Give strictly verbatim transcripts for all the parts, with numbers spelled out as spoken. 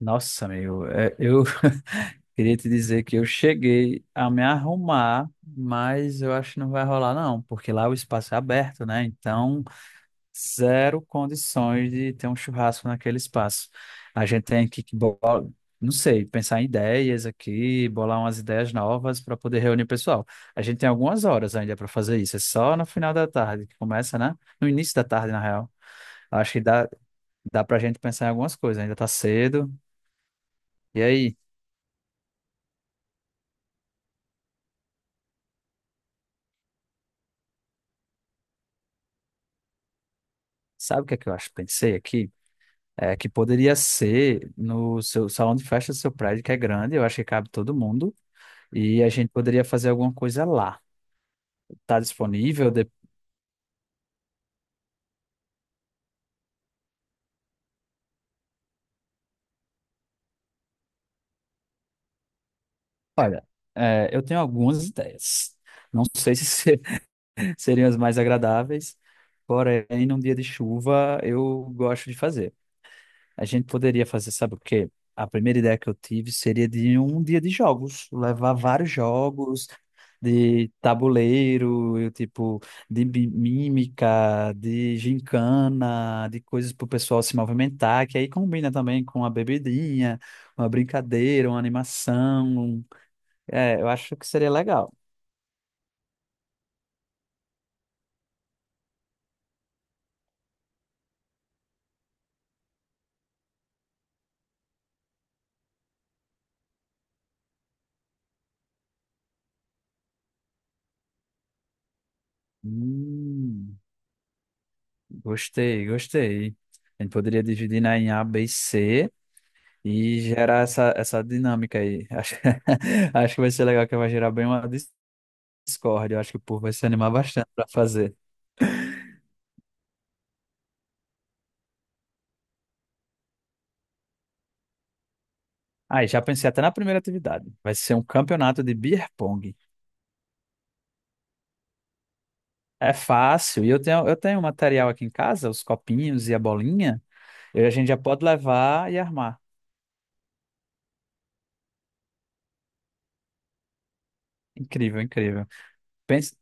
Nossa, amigo, é, eu queria te dizer que eu cheguei a me arrumar, mas eu acho que não vai rolar, não, porque lá o espaço é aberto, né? Então, zero condições de ter um churrasco naquele espaço. A gente tem que, que bo- não sei, pensar em ideias aqui, bolar umas ideias novas para poder reunir o pessoal. A gente tem algumas horas ainda para fazer isso, é só no final da tarde que começa, né? No início da tarde, na real. Acho que dá, dá para a gente pensar em algumas coisas, ainda está cedo. E aí? Sabe o que é que eu acho? Pensei aqui, é que poderia ser no seu salão de festa do seu prédio, que é grande, eu acho que cabe todo mundo, e a gente poderia fazer alguma coisa lá. Tá disponível? De- Olha, é, eu tenho algumas ideias. Não sei se se- Seriam as mais agradáveis, porém, num dia de chuva, eu gosto de fazer. A gente poderia fazer, sabe o quê? A primeira ideia que eu tive seria de um dia de jogos, levar vários jogos de tabuleiro, eu, tipo, de mi- mímica, de gincana, de coisas para o pessoal se movimentar, que aí combina também com a bebidinha, uma brincadeira, uma animação. É, eu acho que seria legal. Hum, gostei, gostei. A gente poderia dividir, né, em A, B e C. e gerar essa, essa dinâmica aí. Acho, acho que vai ser legal, que vai gerar bem uma discórdia. Eu acho que o povo vai se animar bastante para fazer. Aí, já pensei até na primeira atividade. Vai ser um campeonato de beer pong. É fácil. E eu tenho, eu tenho material aqui em casa, os copinhos e a bolinha. E a gente já pode levar e armar. Incrível, incrível. Pense...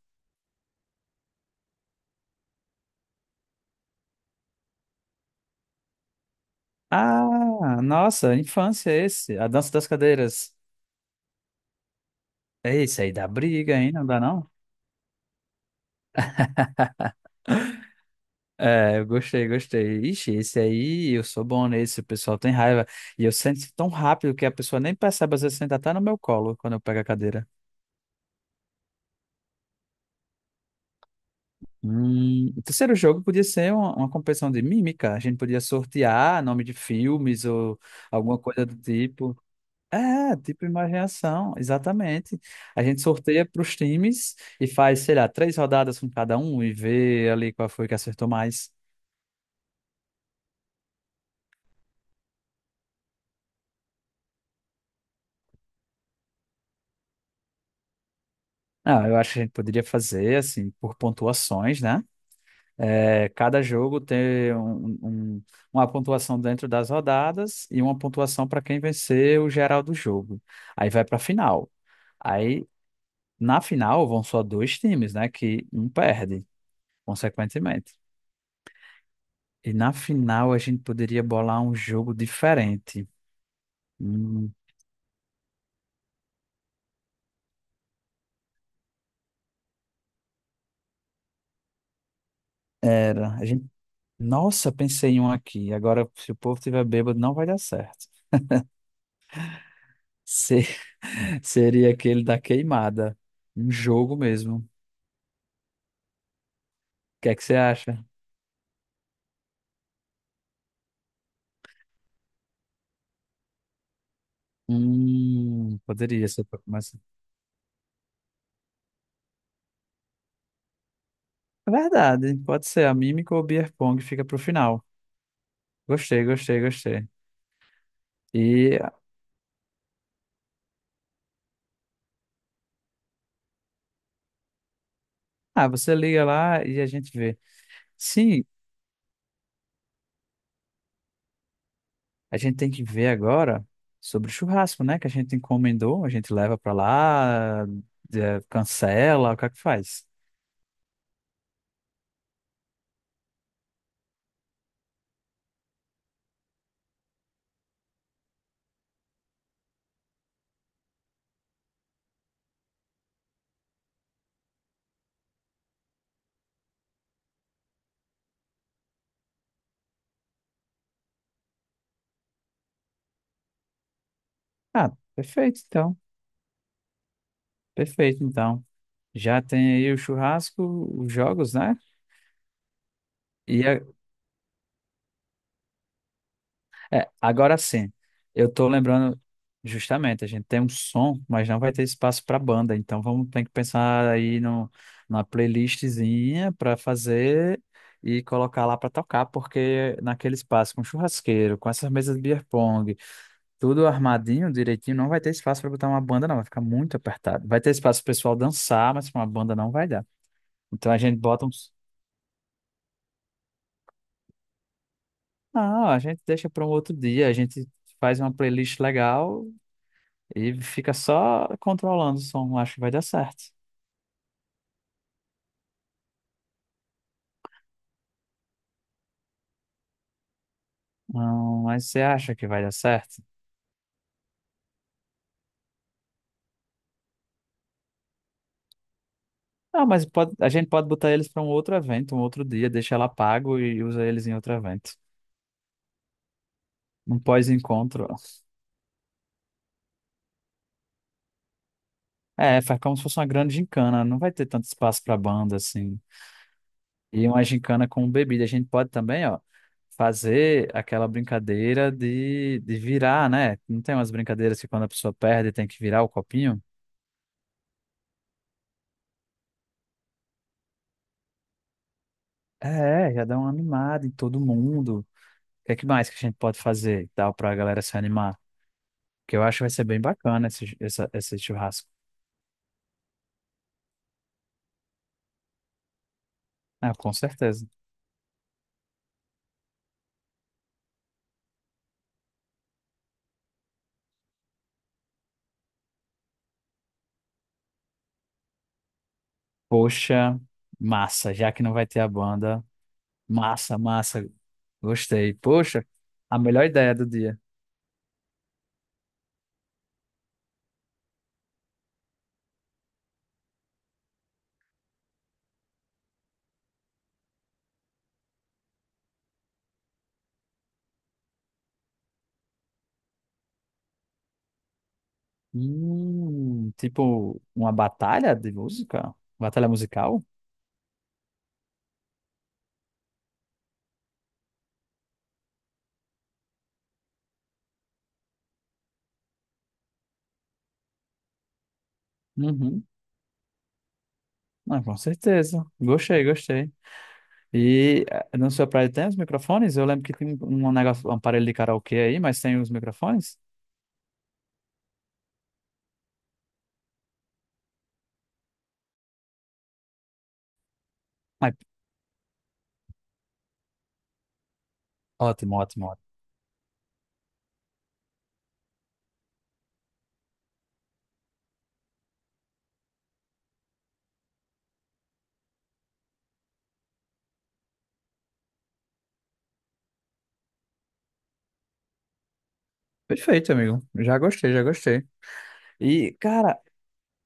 Ah, nossa, infância é esse. A dança das cadeiras. É esse aí, dá briga, hein? Não dá não? É, eu gostei, gostei. Ixi, esse aí, eu sou bom nesse, o pessoal tem raiva. E eu sento tão rápido que a pessoa nem percebe, às vezes senta até no meu colo quando eu pego a cadeira. Hum, o terceiro jogo podia ser uma, uma competição de mímica. A gente podia sortear nome de filmes ou alguma coisa do tipo. É, tipo imaginação, exatamente. A gente sorteia para os times e faz, sei lá, três rodadas com cada um e vê ali qual foi que acertou mais. Não, eu acho que a gente poderia fazer, assim, por pontuações, né? É, cada jogo tem um- um- um, uma pontuação dentro das rodadas e uma pontuação para quem vencer o geral do jogo. Aí vai para a final. Aí na final vão só dois times, né? Que um perde, consequentemente. E na final a gente poderia bolar um jogo diferente. Hum, era. A gente... Nossa, pensei em um aqui. Agora, se o povo tiver bêbado, não vai dar certo. Se- Seria aquele da queimada. Um jogo mesmo. O que é que você acha? Hum, poderia ser, mas é verdade, pode ser. A mímica ou o beer pong fica pro final. Gostei, gostei, gostei. E ah, você liga lá e a gente vê. Sim, a gente tem que ver agora sobre o churrasco, né? Que a gente encomendou, a gente leva pra lá, eh, cancela, o que é que faz? Ah, perfeito, então. Perfeito, então. Já tem aí o churrasco, os jogos, né? e É, agora sim, eu tô lembrando justamente, a gente tem um som, mas não vai ter espaço para banda, então vamos ter que pensar aí no, numa playlistzinha para fazer e colocar lá para tocar, porque naquele espaço com churrasqueiro, com essas mesas de beer pong, tudo armadinho, direitinho, não vai ter espaço para botar uma banda, não, vai ficar muito apertado. Vai ter espaço pro pessoal dançar, mas pra uma banda não vai dar. Então a gente bota uns. Não, a gente deixa para um outro dia, a gente faz uma playlist legal e fica só controlando o som. Acho que vai dar certo. Não, mas você acha que vai dar certo? Ah, mas pode, a gente pode botar eles para um outro evento, um outro dia, deixa ela pago e usa eles em outro evento. Um pós-encontro. É, faz como se fosse uma grande gincana, não vai ter tanto espaço para banda assim. E uma gincana com bebida. A gente pode também, ó, fazer aquela brincadeira de, de virar, né? Não tem umas brincadeiras que quando a pessoa perde tem que virar o copinho? É, já dá uma animada em todo mundo. O que é que mais que a gente pode fazer e tal para a galera se animar? Porque eu acho que vai ser bem bacana esse, essa, esse churrasco. Ah, com certeza. Poxa, massa, já que não vai ter a banda. Massa, massa. Gostei. Poxa, a melhor ideia do dia. Hum, tipo uma batalha de música? Batalha musical? Uhum. Ah, com certeza. Gostei, gostei. E eh, na sua praia tem os microfones? Eu lembro que tem um um negócio, um aparelho de karaokê aí, mas tem os microfones? Ai, ótimo, ótimo, ótimo. Perfeito, amigo. Já gostei, já gostei. E, cara,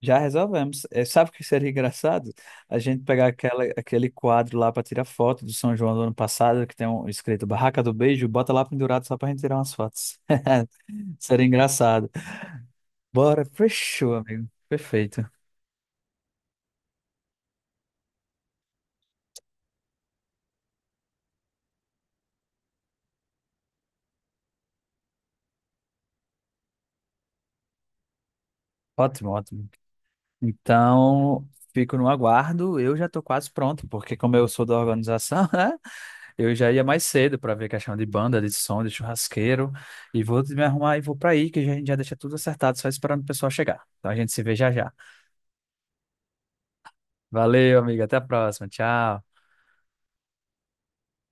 já resolvemos. É, sabe o que seria engraçado? A gente pegar aquela, aquele quadro lá para tirar foto do São João do ano passado, que tem um escrito Barraca do Beijo, bota lá pendurado só pra gente tirar umas fotos. Seria engraçado. Bora, fechou, amigo. Perfeito. Ótimo, ótimo. Então, fico no aguardo. Eu já tô quase pronto, porque como eu sou da organização, né? Eu já ia mais cedo para ver questão de banda, de som, de churrasqueiro. E vou me arrumar e vou para aí, que a gente já deixa tudo acertado, só esperando o pessoal chegar. Então a gente se vê já já. Valeu, amiga. Até a próxima. Tchau.